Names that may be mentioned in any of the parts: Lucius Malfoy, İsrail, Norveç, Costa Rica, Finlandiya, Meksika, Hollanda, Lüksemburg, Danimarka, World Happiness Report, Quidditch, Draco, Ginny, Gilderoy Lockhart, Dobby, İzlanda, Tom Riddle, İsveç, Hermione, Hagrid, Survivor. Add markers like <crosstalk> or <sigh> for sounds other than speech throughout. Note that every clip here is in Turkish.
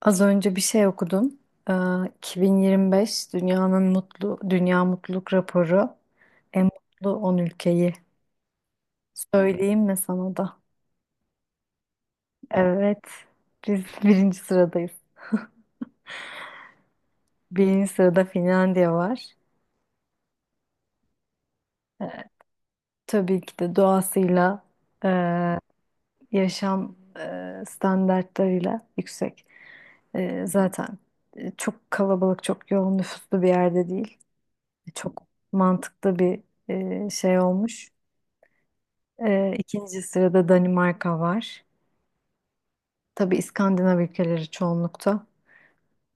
Az önce bir şey okudum. Ee, 2025 dünyanın mutlu dünya mutluluk raporu en mutlu 10 ülkeyi. Söyleyeyim mi sana da? Evet. Biz <laughs> birinci sıradayız. Birinci sırada Finlandiya var. Tabii ki de doğasıyla e, yaşam standartlarıyla yüksek. Zaten çok kalabalık, çok yoğun nüfuslu bir yerde değil. Çok mantıklı bir şey olmuş. İkinci sırada Danimarka var. Tabii İskandinav ülkeleri çoğunlukta.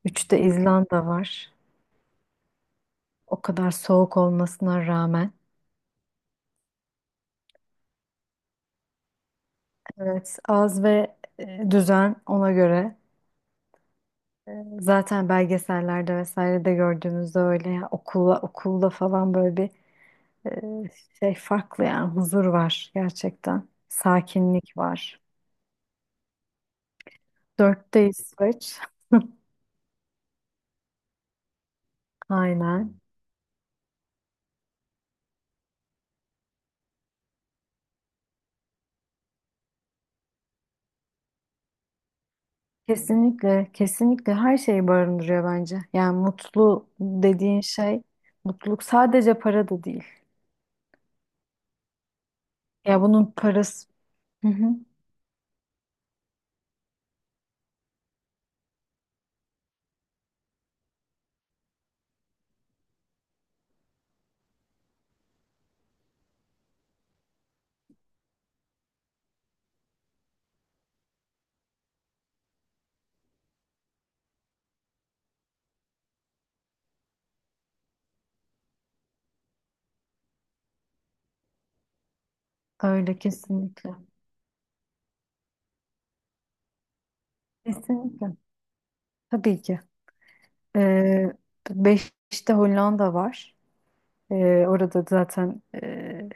Üçte İzlanda var. O kadar soğuk olmasına rağmen. Evet, az ve düzen ona göre. E, Zaten belgesellerde vesaire de gördüğümüzde öyle ya okula okulda falan böyle bir e, şey farklı, yani huzur var gerçekten. Sakinlik var. Dörtte İsveç. <laughs> Aynen. Kesinlikle, kesinlikle her şeyi barındırıyor bence. Yani mutlu dediğin şey, mutluluk sadece para da değil. Ya bunun parası, hı hı, öyle kesinlikle. Kesinlikle. Tabii ki. Ee, Beşiktaş'ta Hollanda var. Ee, orada zaten,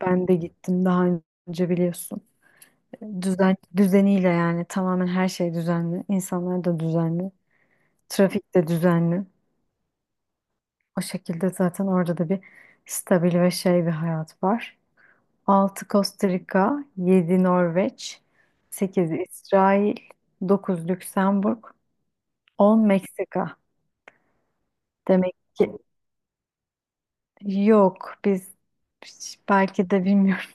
ben de gittim daha önce biliyorsun. Düzeniyle yani tamamen her şey düzenli. İnsanlar da düzenli. Trafik de düzenli. O şekilde zaten orada da bir stabil ve şey bir hayat var. 6 Costa Rica, 7 Norveç, 8 İsrail, 9 Lüksemburg, 10 Meksika. Demek ki yok, biz belki de bilmiyorum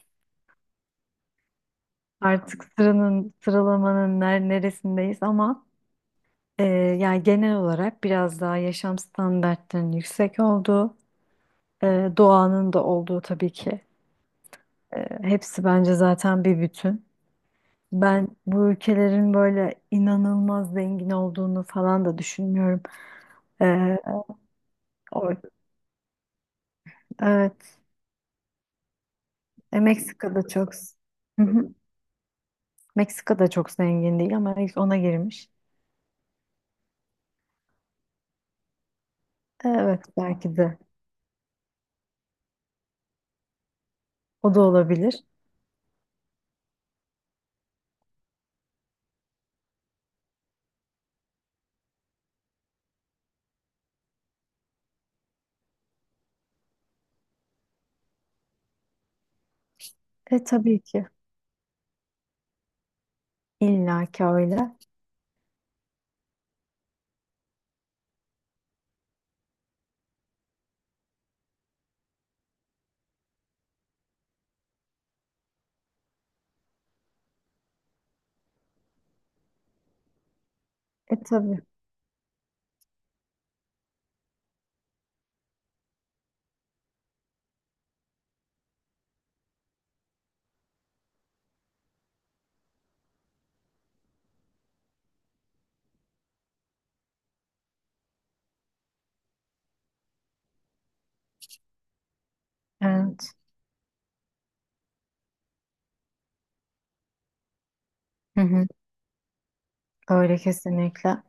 <laughs> artık sıralamanın neresindeyiz, ama e, yani genel olarak biraz daha yaşam standartlarının yüksek olduğu, doğanın da olduğu, tabii ki hepsi bence zaten bir bütün. Ben bu ülkelerin böyle inanılmaz zengin olduğunu falan da düşünmüyorum. Ee, o, evet, Meksika'da çok. Hı hı. Meksika'da çok zengin değil ama ilk ona girmiş. Evet, belki de o da olabilir. E tabii ki illa ki öyle. E tabii. Evet. Hı hı. Öyle kesinlikle.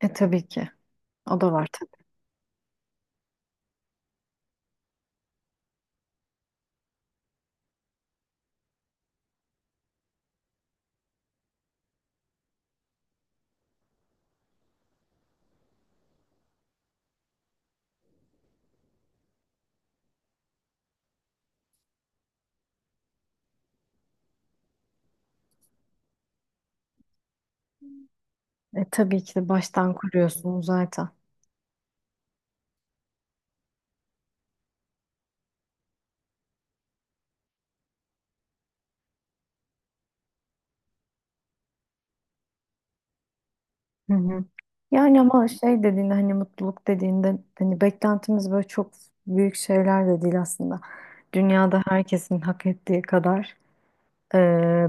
E tabii ki. O da var. Tabii ki de baştan kuruyorsunuz zaten. Hı hı. Yani ama şey dediğinde, hani mutluluk dediğinde, hani beklentimiz böyle çok büyük şeyler de değil aslında. Dünyada herkesin hak ettiği kadar e,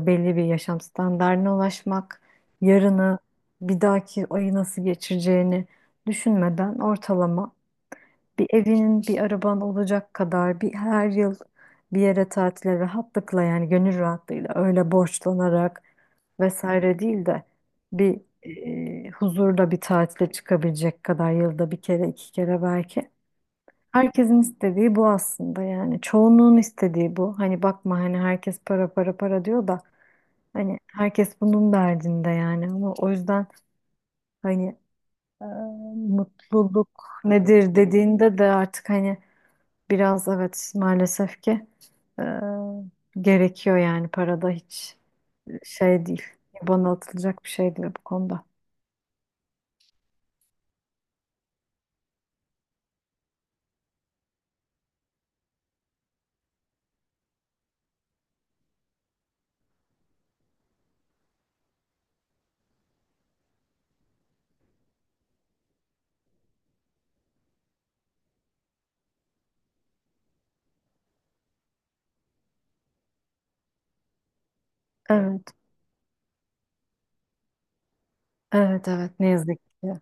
belli bir yaşam standardına ulaşmak, yarını, bir dahaki ayı nasıl geçireceğini düşünmeden, ortalama bir evinin, bir araban olacak kadar, bir her yıl bir yere tatile rahatlıkla, yani gönül rahatlığıyla, öyle borçlanarak vesaire değil de bir huzurda bir tatile çıkabilecek kadar, yılda bir kere iki kere belki. Herkesin istediği bu aslında, yani çoğunluğun istediği bu. Hani bakma, hani herkes para para para diyor da, hani herkes bunun derdinde yani, ama o yüzden hani e, mutluluk nedir dediğinde de artık hani biraz evet, maalesef ki e, gerekiyor yani, parada hiç şey değil. Bana atılacak bir şey değil bu konuda. Evet, evet, evet, ne yazık ki.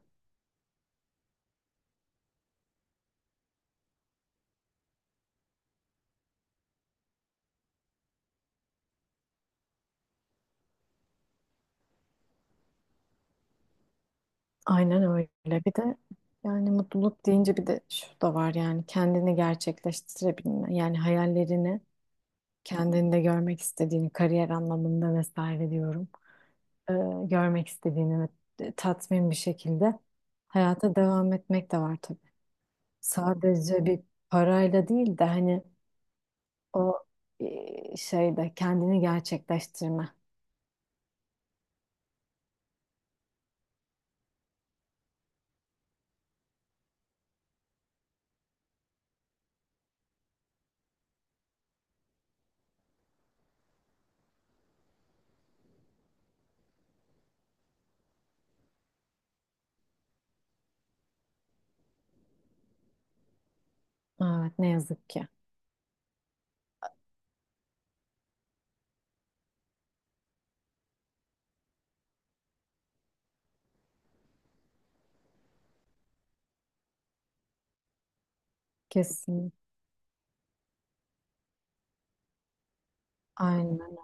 Aynen öyle. Bir de yani mutluluk deyince bir de şu da var, yani kendini gerçekleştirebilme. Yani hayallerini kendinde görmek istediğini, kariyer anlamında vesaire diyorum. e, görmek istediğini ve tatmin bir şekilde hayata devam etmek de var tabii. Sadece bir parayla değil de hani o şeyde kendini gerçekleştirme. Evet, ne yazık ki. Kesin. Aynen.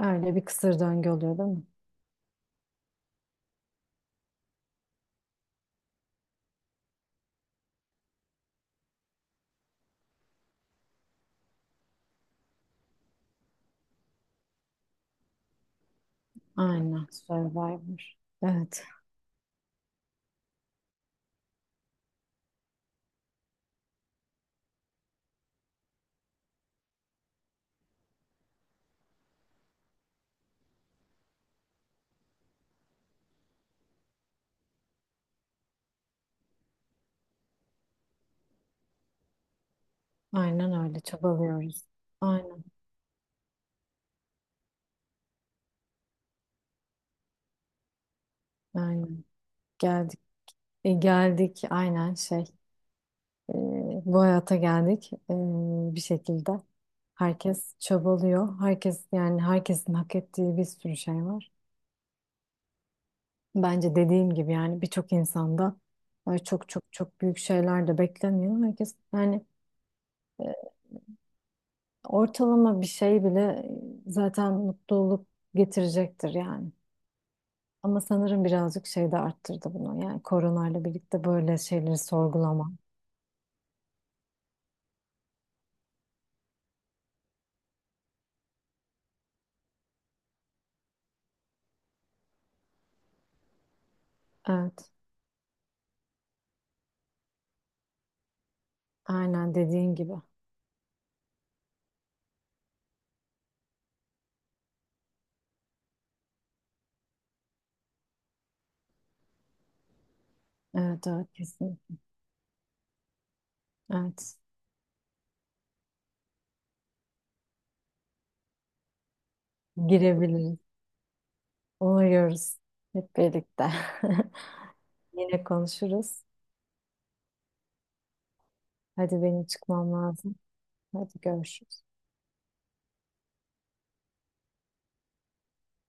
Öyle bir kısır döngü oluyor değil mi? Aynen. Survivor. Evet. Aynen öyle. Çabalıyoruz. Aynen. Aynen. Geldik. E, geldik. Aynen şey. Ee, bu hayata geldik, bir şekilde. Herkes çabalıyor. Herkes, yani herkesin hak ettiği bir sürü şey var. Bence dediğim gibi yani birçok insanda, ay, çok çok çok büyük şeyler de beklemiyor. Herkes yani e, ortalama bir şey bile zaten mutluluk getirecektir yani. Ama sanırım birazcık şey de arttırdı bunu. Yani koronayla birlikte böyle şeyleri sorgulama. Evet. Aynen dediğin gibi. Evet evet kesin. Evet. Girebiliriz. Uğurluyoruz hep birlikte. <laughs> Yine konuşuruz. Hadi benim çıkmam lazım. Hadi görüşürüz.